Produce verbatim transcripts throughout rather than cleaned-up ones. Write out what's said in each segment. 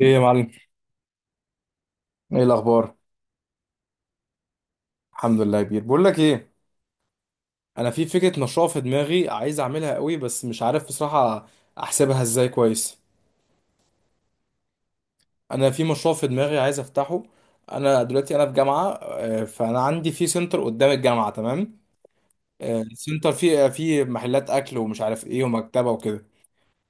ايه يا معلم، ايه الاخبار؟ الحمد لله يا كبير. بقول لك ايه، انا في فكره نشاط في دماغي عايز اعملها قوي بس مش عارف بصراحه احسبها ازاي كويس. انا في مشروع في دماغي عايز افتحه. انا دلوقتي انا في جامعه، آه، فانا عندي في سنتر قدام الجامعه. تمام، آه، السنتر فيه فيه محلات اكل ومش عارف ايه ومكتبه وكده.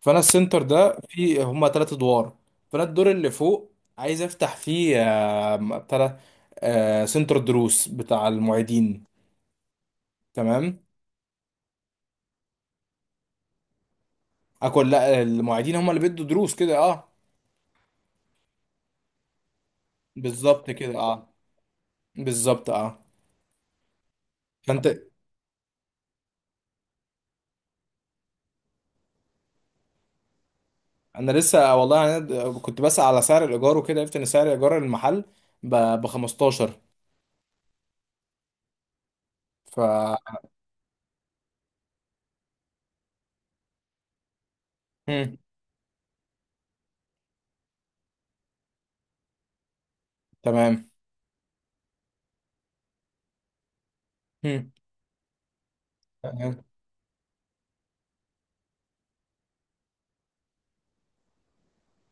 فانا السنتر ده فيه هما ثلاث ادوار. فانا الدور اللي فوق عايز افتح فيه آه، بتاع ده، آه، سنتر دروس بتاع المعيدين. تمام، اكل. لا، المعيدين هم اللي بيدوا دروس كده، اه. بالظبط كده، اه. بالظبط، اه. فانت، انا لسه والله، انا د- كنت بسأل على سعر الايجار وكده، عرفت ان سعر ايجار المحل ب خمستاشر. ف مم. تمام. مم. تمام.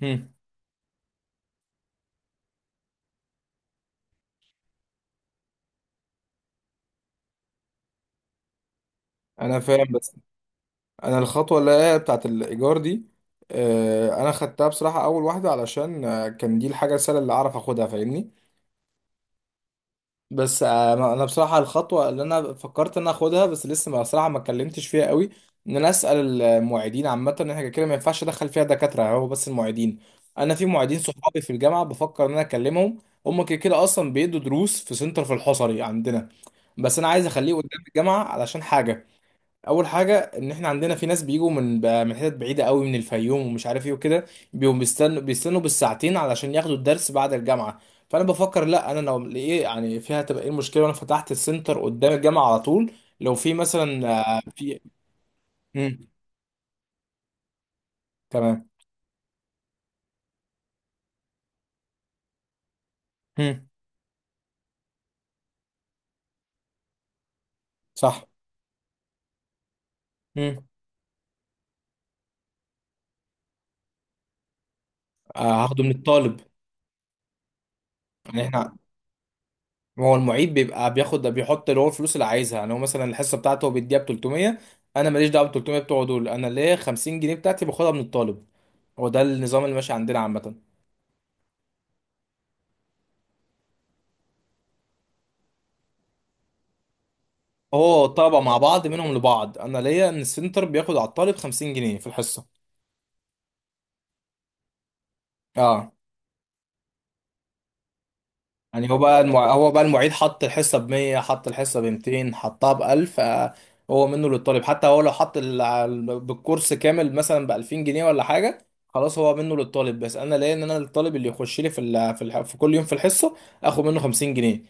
مم. انا فاهم بس، انا الخطوه اللي هي بتاعت الايجار دي، آه، انا خدتها بصراحه اول واحده علشان آه، كان دي الحاجه السهله اللي اعرف اخدها، فاهمني. بس آه، ما- انا بصراحه الخطوه اللي انا فكرت ان أنا اخدها، بس لسه ما بصراحه ما اتكلمتش فيها قوي، ان انا اسال المعيدين عامه، ان احنا كده ما ينفعش ادخل فيها دكاتره يعني، هو بس المعيدين. انا في معيدين صحابي في الجامعه بفكر ان انا اكلمهم. هم كده كده اصلا بيدوا دروس في سنتر في الحصري عندنا، بس انا عايز اخليه قدام الجامعه علشان حاجه. اول حاجه، ان احنا عندنا في ناس بيجوا من ب- من حتت بعيده قوي، من الفيوم ومش عارف ايه وكده، بيقوموا بيستنوا بيستنوا بالساعتين علشان ياخدوا الدرس بعد الجامعه. فانا بفكر، لا، انا لو ايه يعني فيها تبقى ايه المشكله وانا فتحت السنتر قدام الجامعه على طول؟ لو في مثلا، آه، في مم. تمام. مم. صح. مم. آه، هاخده من الطالب. يعني احنا، هو المعيد بيبقى بياخد، بيحط اللي هو الفلوس اللي عايزها، يعني هو مثلا الحصه بتاعته هو بيديها ب تلتمية. انا ماليش دعوه ب تلتمية بتوعه دول، انا ليه خمسين جنيه بتاعتي باخدها من الطالب. هو ده النظام اللي ماشي عندنا عامة. هو الطلبة مع بعض، منهم لبعض، أنا ليا إن السنتر بياخد على الطالب خمسين جنيه في الحصة. أه. يعني هو بقى المع... هو بقى المعيد حط الحصة ب مية، حط الحصة ب ميتين، حطها ب الف، آه، هو منه للطالب. حتى هو لو حط ال... ال- بالكورس كامل مثلا ب الفين جنيه ولا حاجة، خلاص، هو منه للطالب. بس أنا ليا إن أنا الطالب اللي يخش لي في ال... في, ال... في كل يوم في الحصة، آخد منه خمسين جنيه.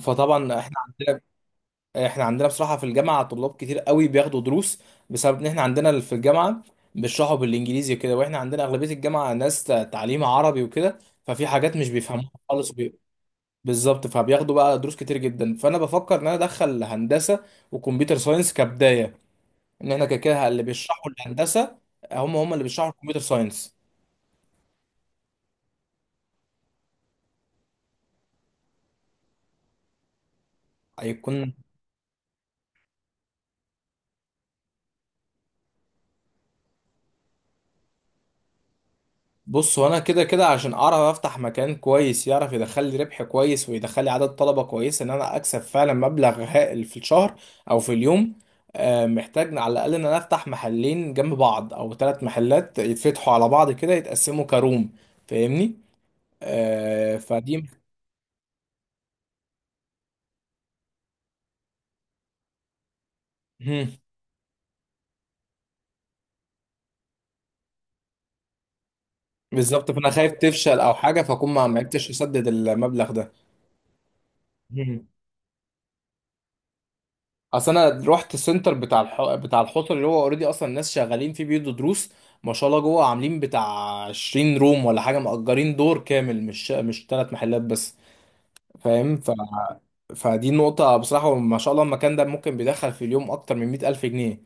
فطبعا إحنا عندنا، احنا عندنا بصراحة في الجامعة طلاب كتير قوي بياخدوا دروس، بسبب ان احنا عندنا في الجامعة بيشرحوا بالانجليزي وكده، واحنا عندنا اغلبية الجامعة ناس تعليم عربي وكده، ففي حاجات مش بيفهموها خالص. بي- بالظبط، فبياخدوا بقى دروس كتير جدا. فانا بفكر ان انا ادخل هندسة وكمبيوتر ساينس كبداية، ان احنا كده كده اللي بيشرحوا الهندسة هم هم اللي بيشرحوا الكمبيوتر ساينس. هيكون. بص، هو انا كده كده عشان اعرف افتح مكان كويس يعرف يدخل لي ربح كويس، ويدخل لي عدد طلبه كويس، ان انا اكسب فعلا مبلغ هائل في الشهر او في اليوم، آه، محتاج على الاقل ان انا افتح محلين جنب بعض او ثلاث محلات يتفتحوا على بعض كده، يتقسموا كروم، فاهمني؟ آه، فدي. مم. بالظبط، فانا خايف تفشل او حاجه فاكون ما ما عرفتش اسدد المبلغ ده. مم. اصل انا رحت السنتر بتاع الح... بتاع الحوض، اللي هو اوريدي اصلا الناس شغالين فيه بيدوا دروس، ما شاء الله، جوه عاملين بتاع عشرين روم ولا حاجه، مأجرين دور كامل، مش مش ثلاث محلات بس، فاهم؟ ف... فدي نقطه بصراحه. ما شاء الله المكان ده ممكن بيدخل في اليوم اكتر من مئة الف جنيه.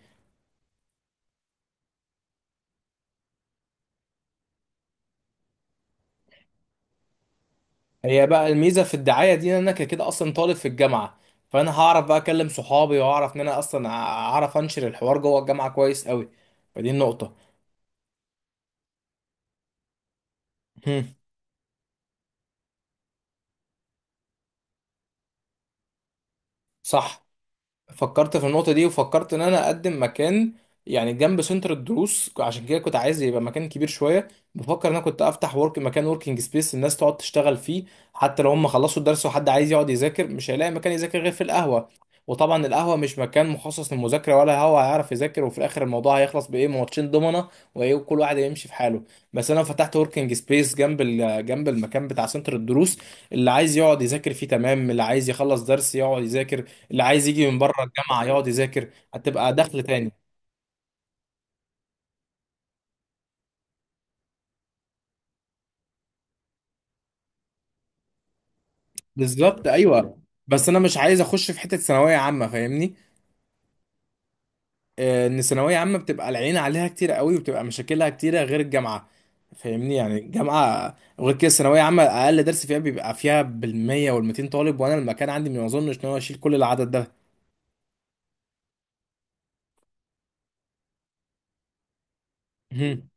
هي بقى الميزه في الدعايه دي، ان انا كده كده اصلا طالب في الجامعه، فانا هعرف بقى اكلم صحابي، واعرف ان انا اصلا اعرف انشر الحوار جوه الجامعه كويس قوي، فدي النقطه. هم، صح. فكرت في النقطة دي، وفكرت إن أنا أقدم مكان يعني جنب سنتر الدروس، عشان كده كنت عايز يبقى مكان كبير شوية. بفكر إن أنا كنت أفتح ورك مكان، وركينج سبيس، الناس تقعد تشتغل فيه، حتى لو هم خلصوا الدرس وحد عايز يقعد يذاكر، مش هيلاقي مكان يذاكر غير في القهوة، وطبعا القهوة مش مكان مخصص للمذاكرة، ولا هو هيعرف يذاكر، وفي الآخر الموضوع هيخلص بإيه؟ ماتشين دومنا وإيه، وكل واحد هيمشي في حاله. بس أنا فتحت وركينج سبيس جنب ال- جنب المكان بتاع سنتر الدروس، اللي عايز يقعد يذاكر فيه تمام، اللي عايز يخلص درس يقعد يذاكر، اللي عايز يجي من بره الجامعه يقعد يذاكر، هتبقى دخل تاني. بالظبط، ايوه، بس انا مش عايز اخش في حته ثانويه عامه، فاهمني؟ آه، ان ثانويه عامه بتبقى العين عليها كتير قوي، وبتبقى مشاكلها كتيره غير الجامعه، فاهمني؟ يعني الجامعه، وغير كده الثانويه عامه اقل درس فيها بيبقى فيها بالمية والميتين طالب، وانا المكان عندي ما اظنش ان هو يشيل كل العدد ده. مهم.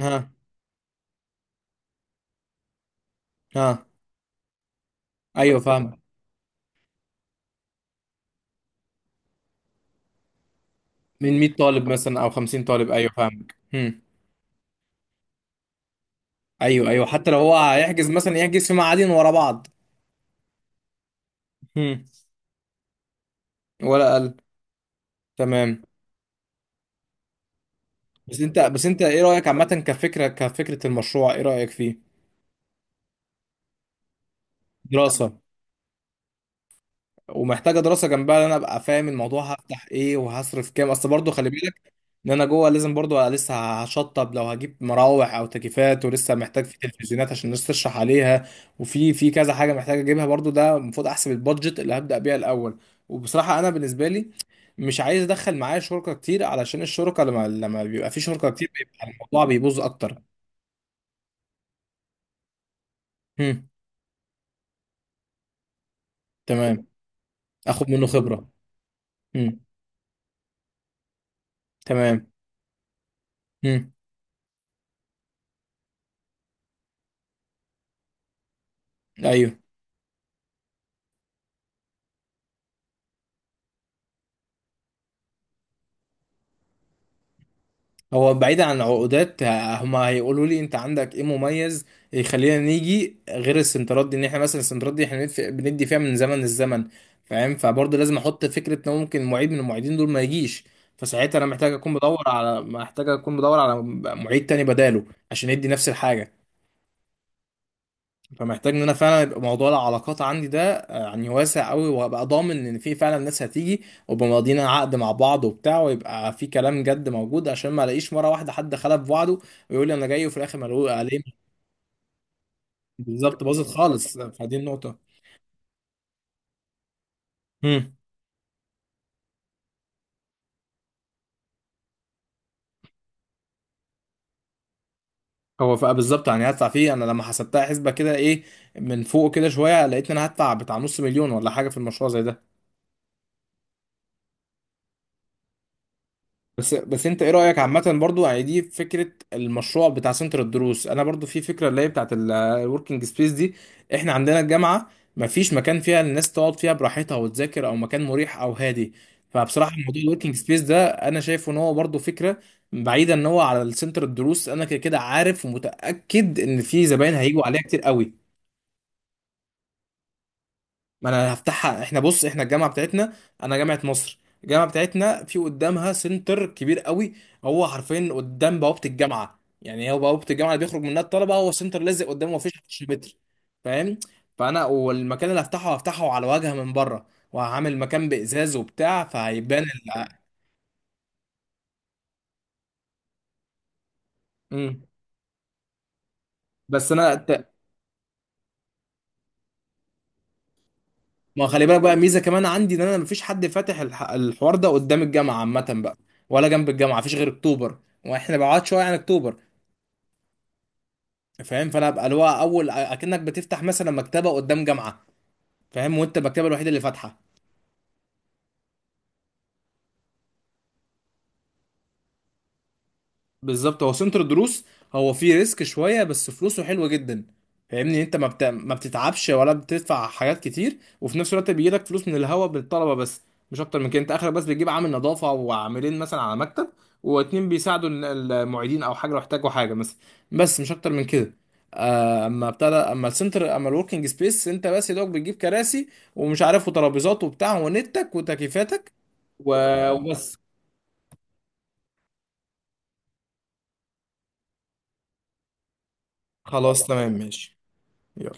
ها. ها. ايوه، فاهم. من مية طالب مثلا او خمسين طالب، ايوه، فاهمك. هم. ايوه ايوه، حتى لو هو هيحجز مثلا، يحجز في معادين ورا بعض، ولا اقل. تمام. بس انت بس انت ايه رايك عامه؟ كفكره كفكره المشروع، ايه رايك فيه؟ دراسه. ومحتاجه دراسه جنبها، ان انا ابقى فاهم الموضوع، هفتح ايه وهصرف كام، اصل برضو خلي بالك ان انا جوه لازم برضو أبقى لسه هشطب، لو هجيب مراوح او تكييفات، ولسه محتاج في تلفزيونات عشان الناس تشرح عليها، وفي في كذا حاجه محتاج اجيبها برضو، ده المفروض احسب البادجت اللي هبدا بيها الاول. وبصراحه انا بالنسبه لي، مش عايز ادخل معايا شركه كتير، علشان الشركه لما لما بيبقى في شركه كتير بيبقى الموضوع بيبوظ اكتر. هم. تمام. اخد منه خبرة. امم تمام. امم ايوه. هو بعيدا عن العقودات، ه- هما هيقولوا لي انت عندك ايه مميز يخلينا نيجي غير السنترات دي، ان احنا مثلا السنترات دي احنا بندف- بندي فيها من زمن للزمن، فاهم؟ فبرضه لازم احط فكرة ان ممكن معيد من المعيدين دول ما يجيش، فساعتها انا محتاج اكون بدور على، محتاج اكون بدور على معيد تاني بداله عشان يدي نفس الحاجة. فمحتاج ان انا فعلا يبقى موضوع العلاقات عندي ده آه، يعني واسع قوي، وابقى ضامن ان في فعلا ناس هتيجي، وابقى ماضيين عقد مع بعض وبتاع، ويبقى في كلام جد موجود، عشان ما الاقيش مره واحده حد خلف وعده، ويقول لي انا جاي وفي الاخر ما الاقوه عليه. بالظبط، باظت خالص، فدي النقطه. امم هو فبقى بالظبط يعني، هدفع فيه انا لما حسبتها حسبه كده ايه، من فوق كده شويه، لقيت ان انا هدفع بتاع نص مليون ولا حاجه في المشروع زي ده. بس بس انت ايه رأيك عامة برضو؟ يعني دي فكرة المشروع بتاع سنتر الدروس، انا برضو في فكرة اللي هي بتاعت الوركينج سبيس دي. احنا عندنا الجامعة مفيش مكان فيها الناس تقعد فيها براحتها وتذاكر، او مكان مريح او هادي. فبصراحة موضوع الوركينج سبيس ده انا شايف ان هو برضو فكرة، بعيدا ان هو على السنتر الدروس انا كده كده عارف ومتأكد ان في زباين هيجوا عليها كتير قوي. ما انا هفتحها، احنا بص، احنا الجامعه بتاعتنا، انا جامعه مصر، الجامعه بتاعتنا في قدامها سنتر كبير قوي، هو حرفيا قدام بوابه الجامعه، يعني هو بوابه الجامعه اللي بيخرج منها الطلبه هو سنتر لازق قدامه، مفيش عشرة متر، فاهم؟ فانا، والمكان اللي هفتحه هفتحه على واجهه من بره، وهعمل مكان بازاز وبتاع، فهيبان ال... مم. بس انا ت- ما خلي بالك بقى ميزه كمان عندي، ان انا مفيش حد فاتح الح... الحوار ده قدام الجامعه عامه بقى، ولا جنب الجامعه مفيش غير اكتوبر، واحنا بعاد شويه عن اكتوبر، فاهم؟ فانا ابقى اللي هو، اول اكنك بتفتح مثلا مكتبه قدام جامعه، فاهم؟ وانت المكتبه الوحيده اللي فاتحه. بالظبط، هو سنتر دروس، هو فيه ريسك شويه بس فلوسه حلوه جدا، فاهمني؟ انت ما بت... ما بتتعبش ولا بتدفع حاجات كتير، وفي نفس الوقت بيجيلك فلوس من الهوا بالطلبه بس، مش اكتر من كده. انت اخرك بس بتجيب عامل نظافه، وعاملين مثلا على مكتب، واتنين بيساعدوا ال- المعيدين او حاجه، لو احتاجوا حاجه مثلا، بس مش اكتر من كده. آه، اما ابتدى، اما السنتر، اما الوركينج سبيس، انت بس يا دوب بتجيب كراسي ومش عارف وترابيزات وبتاع، ونتك وتكييفاتك، و- وبس. خلاص تمام، ماشي. يلا.